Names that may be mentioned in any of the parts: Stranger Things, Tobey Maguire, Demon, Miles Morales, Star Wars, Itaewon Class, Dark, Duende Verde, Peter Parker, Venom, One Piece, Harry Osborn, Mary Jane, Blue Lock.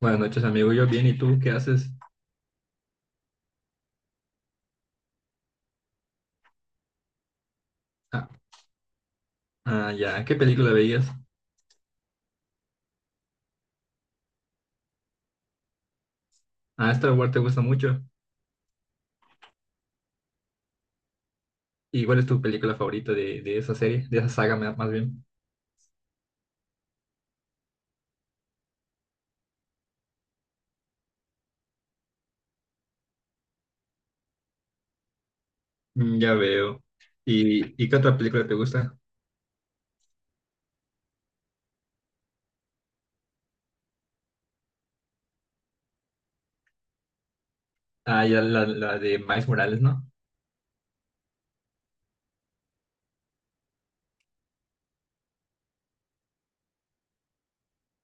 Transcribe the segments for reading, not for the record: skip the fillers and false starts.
Buenas noches, amigo. Yo bien, ¿y tú qué haces? Ah, ya, ¿qué película veías? Ah, Star Wars te gusta mucho. ¿Y cuál es tu película favorita de esa serie, de esa saga más bien? Mm, ya veo. ¿Y, qué otra película te gusta? Ah, ya la de Miles Morales, ¿no?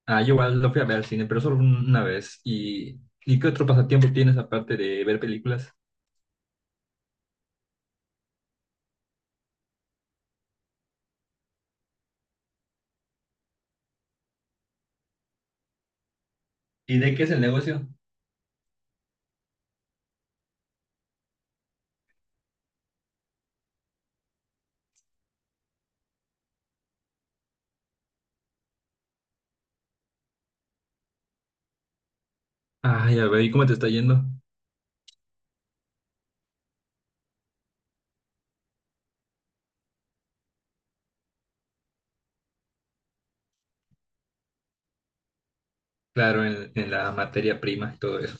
Ah, yo igual lo fui a ver al cine, pero solo una vez. Y qué otro pasatiempo tienes aparte de ver películas? ¿Y de qué es el negocio? Ah, ya veo. ¿Y cómo te está yendo? Claro, en la materia prima y todo eso.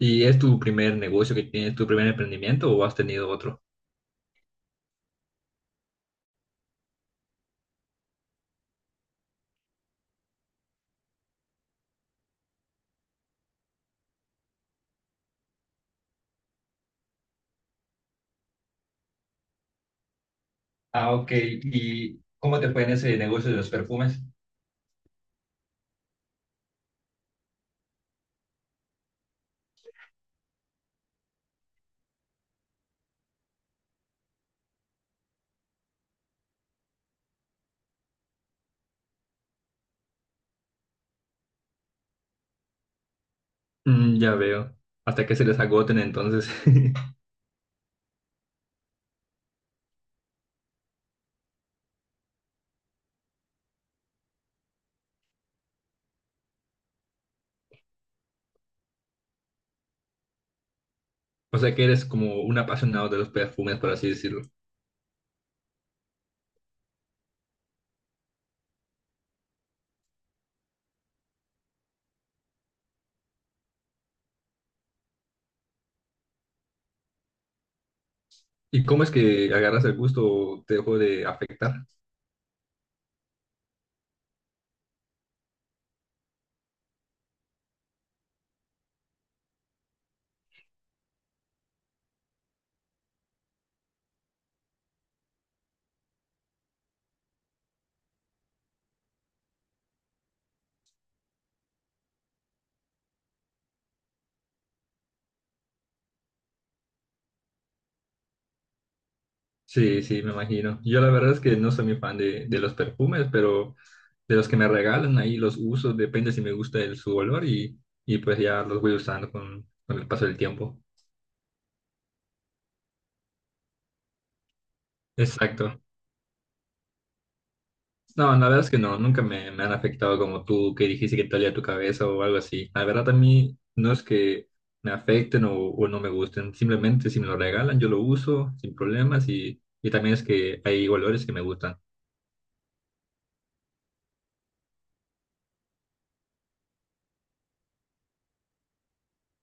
¿Y es tu primer negocio que tienes, tu primer emprendimiento o has tenido otro? Ah, ok. ¿Y cómo te fue en ese negocio de los perfumes? Mm, ya veo. Hasta que se les agoten entonces. O sea que eres como un apasionado de los perfumes, por así decirlo. ¿Y cómo es que agarras el gusto o te dejó de afectar? Sí, sí, me imagino. Yo la verdad es que no soy muy fan de los perfumes, pero de los que me regalan ahí los uso, depende si me gusta su olor y pues ya los voy usando con el paso del tiempo. Exacto. No, la verdad es que no, nunca me han afectado como tú, que dijiste que talía tu cabeza o algo así. La verdad a mí no es que me afecten o no me gusten, simplemente si me lo regalan yo lo uso sin problemas y también es que hay olores que me gustan.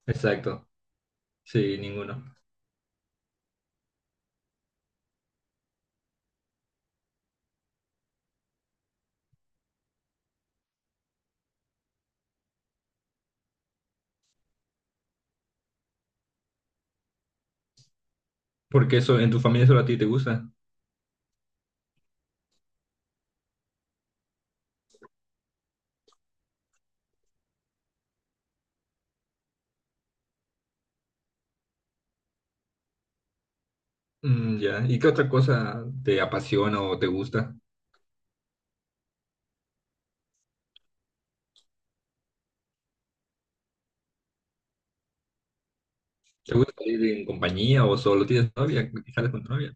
Exacto, sí, ninguno. Porque eso en tu familia solo a ti te gusta. Mm, ya, ¿y qué otra cosa te apasiona o te gusta? ¿Te gusta ir en compañía o solo tienes novia? ¿Sales con tu novia?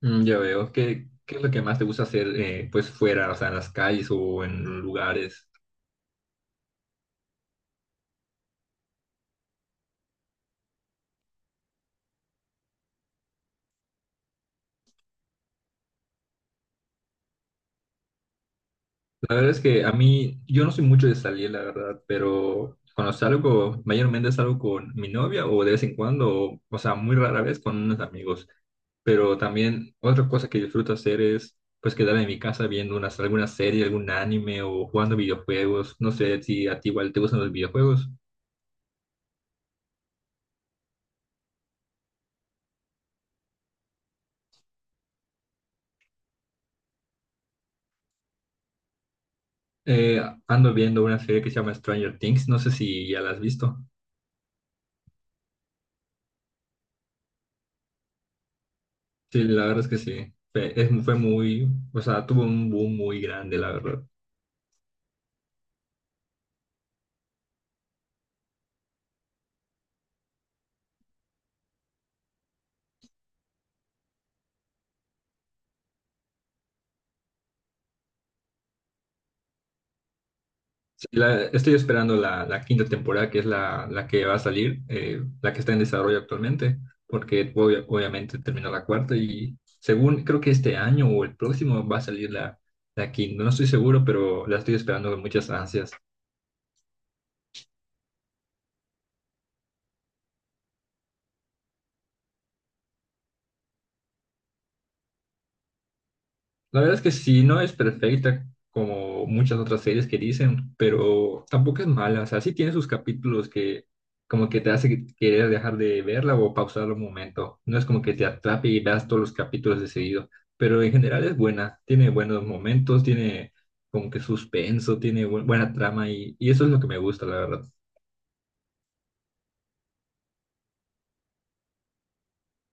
Mm, ya veo. ¿Qué, qué es lo que más te gusta hacer pues fuera, o sea, en las calles o en lugares? La verdad es que a mí, yo no soy mucho de salir, la verdad, pero cuando salgo, mayormente salgo con mi novia o de vez en cuando, o sea, muy rara vez con unos amigos. Pero también otra cosa que disfruto hacer es pues quedarme en mi casa viendo unas, alguna serie, algún anime o jugando videojuegos. No sé si a ti igual te gustan los videojuegos. Eh, ando viendo una serie que se llama Stranger Things, no sé si ya la has visto. Sí, la verdad es que sí. Fue, fue muy, o sea, tuvo un boom muy grande, la verdad. Sí, estoy esperando la quinta temporada, que es la que va a salir, la que está en desarrollo actualmente, porque obviamente terminó la cuarta y según, creo que este año o el próximo va a salir la, la quinta. No estoy seguro, pero la estoy esperando con muchas ansias. La verdad es que sí, no es perfecta como muchas otras series que dicen, pero tampoco es mala. O sea, sí tiene sus capítulos que como que te hace querer dejar de verla o pausar un momento. No es como que te atrape y veas todos los capítulos de seguido, pero en general es buena. Tiene buenos momentos, tiene como que suspenso, tiene buena trama y eso es lo que me gusta, la verdad.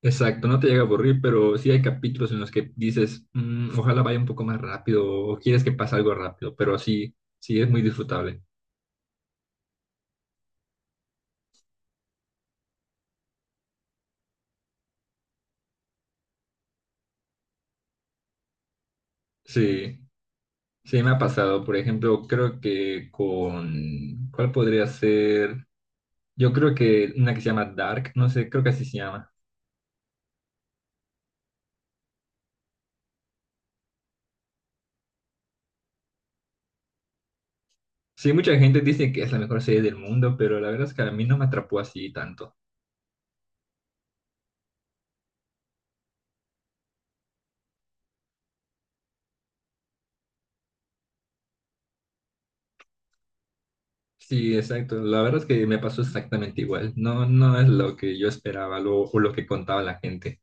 Exacto, no te llega a aburrir, pero sí hay capítulos en los que dices, "Mm, ojalá vaya un poco más rápido o quieres que pase algo rápido, pero sí, sí es muy disfrutable. Sí, sí me ha pasado. Por ejemplo, creo que con... ¿Cuál podría ser? Yo creo que una que se llama Dark, no sé, creo que así se llama. Sí, mucha gente dice que es la mejor serie del mundo, pero la verdad es que a mí no me atrapó así tanto. Sí, exacto. La verdad es que me pasó exactamente igual. No, no es lo que yo esperaba o lo que contaba la gente.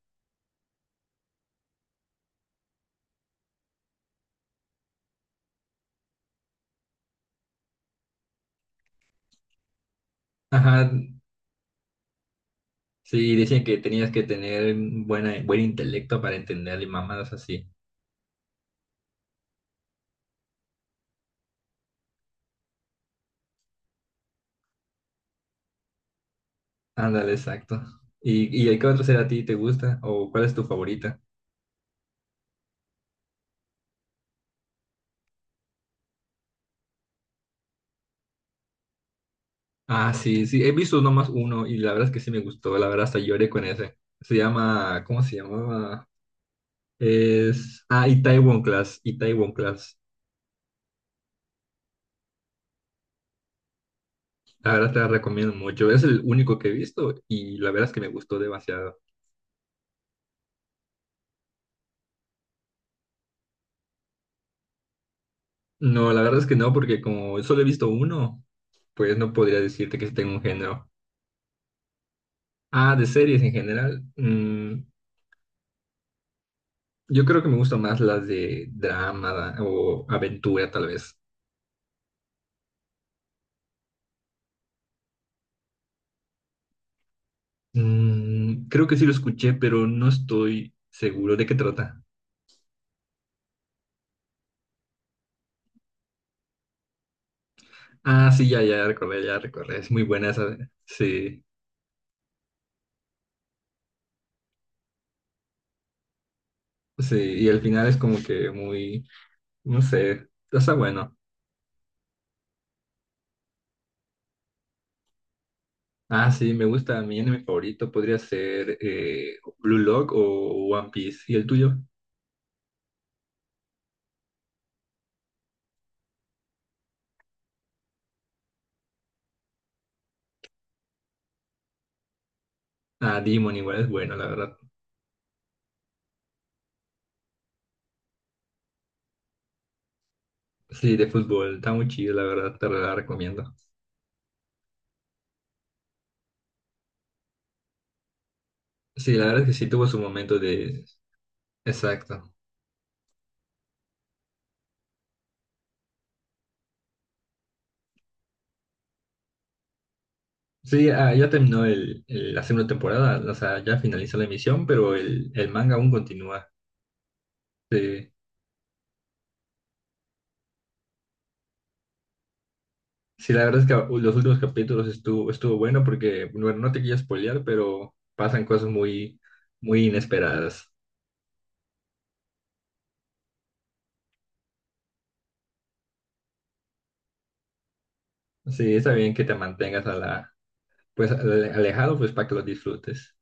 Ajá, sí, dicen que tenías que tener buen intelecto para entenderle mamadas así. Ándale, exacto. Y qué otra serie a ti te gusta? ¿O cuál es tu favorita? Ah, sí, sí, he visto nomás uno y la verdad es que sí me gustó, la verdad hasta lloré con ese. Se llama, ¿cómo se llamaba? Es, ah, Itaewon Class, Itaewon Class. La verdad te la recomiendo mucho, es el único que he visto y la verdad es que me gustó demasiado. No, la verdad es que no, porque como solo he visto uno, pues no podría decirte que sí tengo un género. Ah, de series en general. Mm, yo creo que me gustan más las de drama o aventura, tal vez. Mm, creo que sí lo escuché, pero no estoy seguro de qué trata. Ah, sí, ya recordé, ya recordé. Es muy buena esa. Sí, sí. Y al final es como que muy, no sé, está bueno. Ah, sí, me gusta. Mi anime favorito podría ser Blue Lock o One Piece. ¿Y el tuyo? Ah, Demon igual es bueno, la verdad. Sí, de fútbol, está muy chido, la verdad, te la recomiendo. Sí, la verdad es que sí tuvo su momento de, exacto. Sí, ah, ya terminó la segunda temporada, o sea, ya finalizó la emisión, pero el manga aún continúa. Sí, sí, la verdad es que los últimos capítulos estuvo, estuvo bueno porque, bueno, no te quiero spoilear, pero pasan cosas muy, muy inesperadas. Sí, está bien que te mantengas a la, pues, alejado, pues, para que lo disfrutes.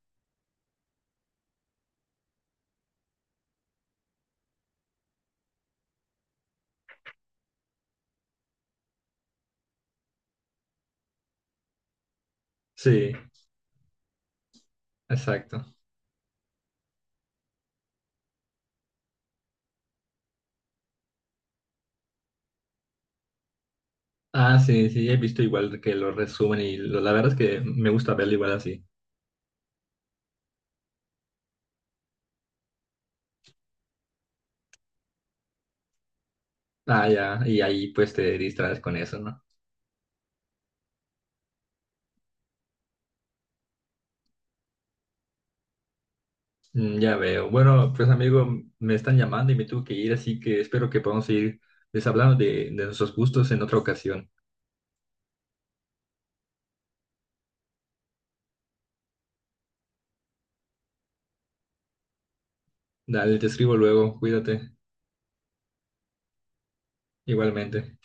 Sí, exacto. Ah, sí, sí, he visto igual que lo resumen y la verdad es que me gusta verlo igual así. Ah, ya, y ahí pues te distraes con eso, ¿no? Mm, ya veo. Bueno, pues amigo, me están llamando y me tuve que ir, así que espero que podamos seguir les hablando de nuestros gustos en otra ocasión. Dale, te escribo luego, cuídate, igualmente.